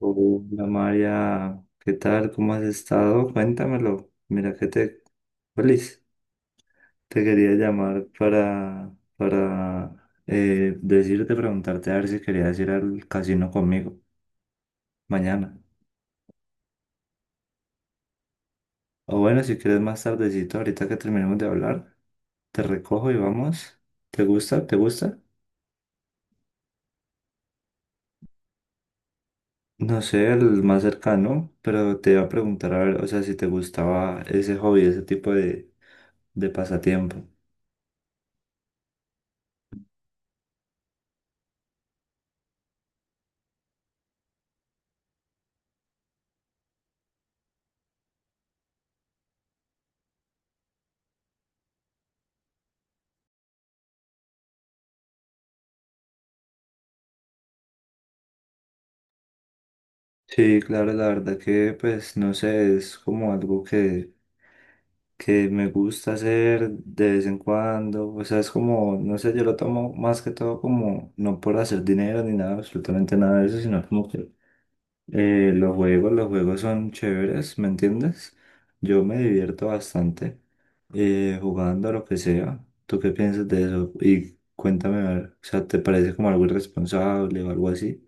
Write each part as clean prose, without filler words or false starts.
Hola María, ¿qué tal? ¿Cómo has estado? Cuéntamelo. Mira que te... Feliz. Te quería llamar para decirte, preguntarte a ver si querías ir al casino conmigo mañana. O bueno, si quieres más tardecito, ahorita que terminemos de hablar, te recojo y vamos. ¿Te gusta? ¿Te gusta? No sé, el más cercano, pero te iba a preguntar a ver, o sea, si te gustaba ese hobby, ese tipo de pasatiempo. Sí, claro, la verdad que pues no sé, es como algo que me gusta hacer de vez en cuando, o sea, es como, no sé, yo lo tomo más que todo como, no por hacer dinero ni nada, absolutamente nada de eso, sino como que los juegos son chéveres, ¿me entiendes? Yo me divierto bastante jugando a lo que sea. ¿Tú qué piensas de eso? Y cuéntame, a ver, o sea, ¿te parece como algo irresponsable o algo así?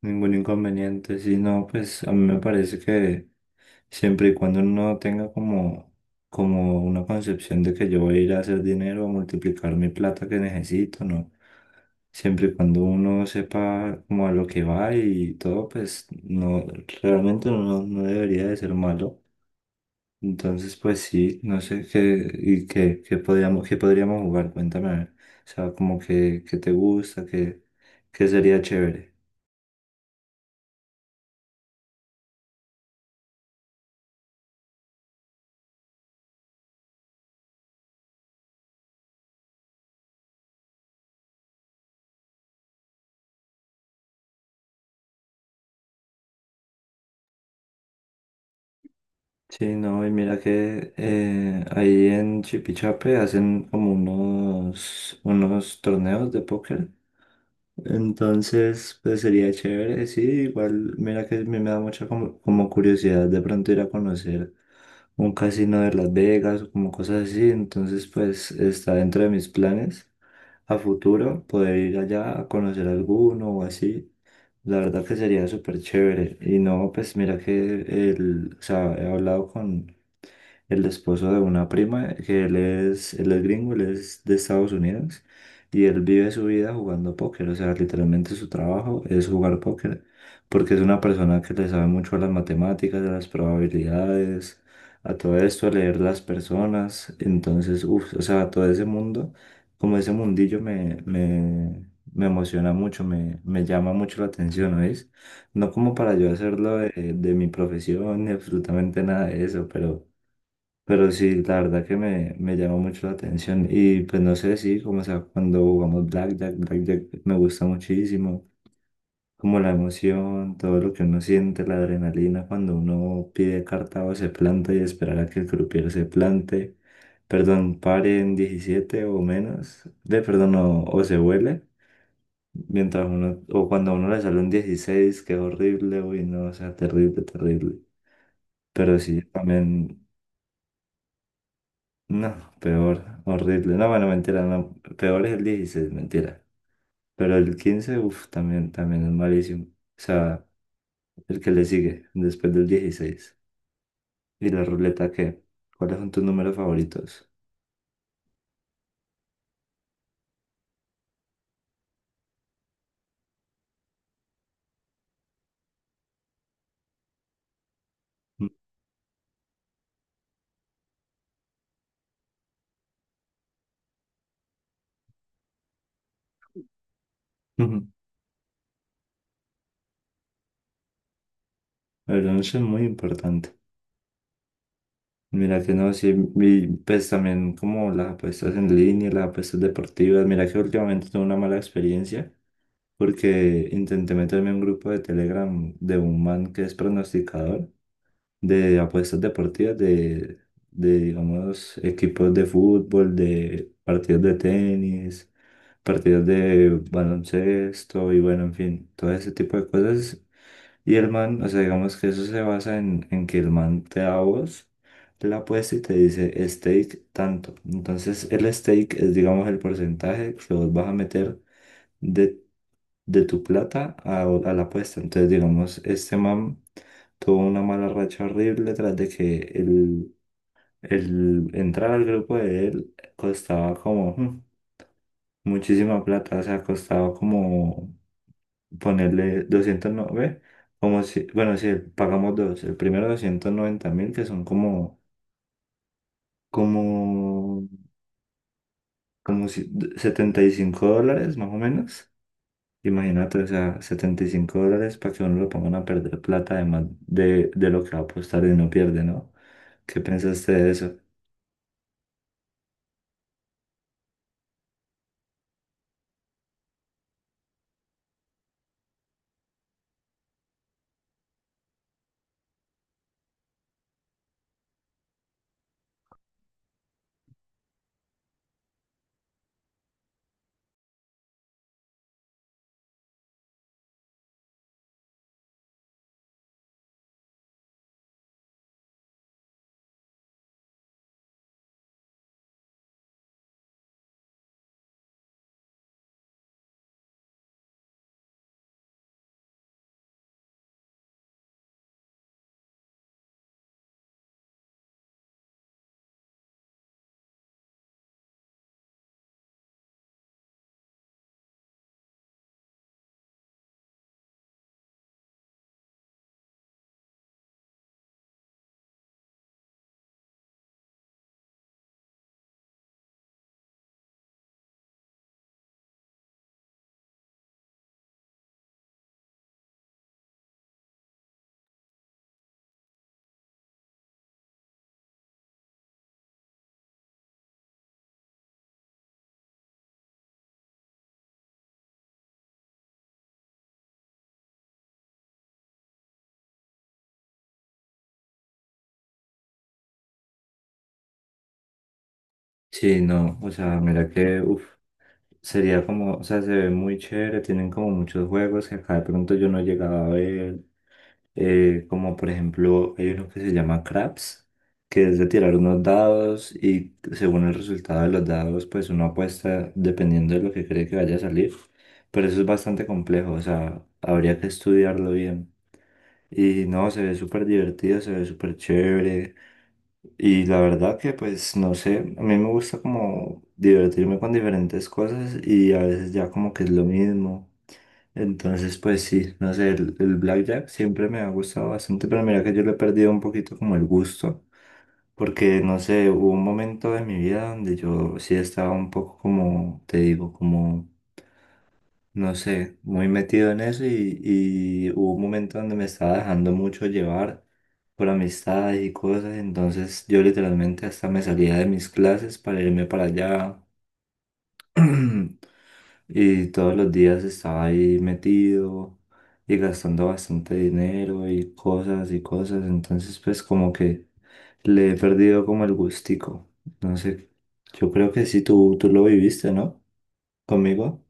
Ningún inconveniente, sino pues a mí me parece que siempre y cuando no tenga como, como una concepción de que yo voy a ir a hacer dinero, a multiplicar mi plata que necesito, ¿no? Siempre y cuando uno sepa como a lo que va y todo, pues no, realmente no, no debería de ser malo. Entonces, pues sí, no sé qué, y qué, qué podríamos jugar, cuéntame, a ver. O sea, como que, qué te gusta, qué sería chévere. Sí, no, y mira que ahí en Chipichape hacen como unos torneos de póker. Entonces, pues sería chévere, sí, igual, mira que a mí me da mucha como, como curiosidad de pronto ir a conocer un casino de Las Vegas o como cosas así. Entonces, pues está dentro de mis planes a futuro poder ir allá a conocer alguno o así. La verdad que sería súper chévere. Y no, pues mira que el, o sea, he hablado con el esposo de una prima, que él es gringo, él es de Estados Unidos, y él vive su vida jugando póker, o sea, literalmente su trabajo es jugar póker, porque es una persona que le sabe mucho a las matemáticas, a las probabilidades, a todo esto, a leer las personas, entonces, uff, o sea, todo ese mundo como ese mundillo me emociona mucho, me llama mucho la atención, ¿no es? No como para yo hacerlo de mi profesión ni absolutamente nada de eso, pero sí, la verdad que me llama mucho la atención. Y pues no sé, sí, como o sea, cuando jugamos Blackjack, Blackjack me gusta muchísimo, como la emoción, todo lo que uno siente, la adrenalina cuando uno pide carta o se planta y esperar a que el croupier se plante perdón, pare en 17 o menos, de perdón, o se huele, mientras uno, o cuando a uno le sale un 16 que es horrible, uy, no, o sea, terrible, terrible. Pero sí, también, no, peor, horrible. No, bueno, mentira, no, peor es el 16 mentira. Pero el 15 uff, también es malísimo. O sea, el que le sigue después del 16. ¿Y la ruleta qué? ¿Cuáles son tus números favoritos? Ujú. El 11 es muy importante. Mira que no, sí, y pues también como las apuestas en línea, las apuestas deportivas, mira que últimamente tuve una mala experiencia porque intenté meterme en un grupo de Telegram de un man que es pronosticador de apuestas deportivas de digamos, equipos de fútbol, de partidos de tenis, partidos de baloncesto y bueno, en fin, todo ese tipo de cosas y el man, o sea, digamos que eso se basa en que el man te da a vos la apuesta y te dice stake tanto. Entonces, el stake es, digamos, el porcentaje que vos vas a meter de, de tu plata a la apuesta. Entonces, digamos, este man tuvo una mala racha horrible tras de que el entrar al grupo de él costaba como muchísima plata, o sea, costaba como ponerle 209, como si, bueno, si pagamos dos, el primero 290.000, que son como, como si, 75 dólares más o menos. Imagínate, o sea, 75 dólares para que uno lo pongan a perder plata, además de lo que va a apostar y no pierde, ¿no? ¿Qué pensaste de eso? Sí, no, o sea, mira que, uf, sería como, o sea, se ve muy chévere, tienen como muchos juegos que acá de pronto yo no llegaba a ver, como por ejemplo, hay uno que se llama Craps, que es de tirar unos dados y según el resultado de los dados, pues uno apuesta dependiendo de lo que cree que vaya a salir. Pero eso es bastante complejo, o sea, habría que estudiarlo bien. Y no, se ve súper divertido, se ve súper chévere. Y la verdad que pues no sé, a mí me gusta como divertirme con diferentes cosas y a veces ya como que es lo mismo. Entonces, pues sí, no sé, el blackjack siempre me ha gustado bastante, pero mira que yo le he perdido un poquito como el gusto, porque no sé, hubo un momento de mi vida donde yo sí estaba un poco como, te digo, como, no sé, muy metido en eso y hubo un momento donde me estaba dejando mucho llevar por amistades y cosas, entonces yo literalmente hasta me salía de mis clases para irme para allá. Y todos los días estaba ahí metido y gastando bastante dinero y cosas y cosas. Entonces, pues como que le he perdido como el gustico. No sé, yo creo que sí, tú lo viviste, ¿no? Conmigo.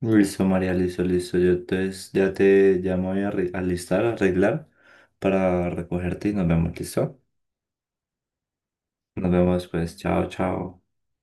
Listo, María, listo, listo. Yo entonces ya te llamo voy a alistar, a arreglar para recogerte y nos vemos, ¿listo? Nos vemos pues, chao, chao.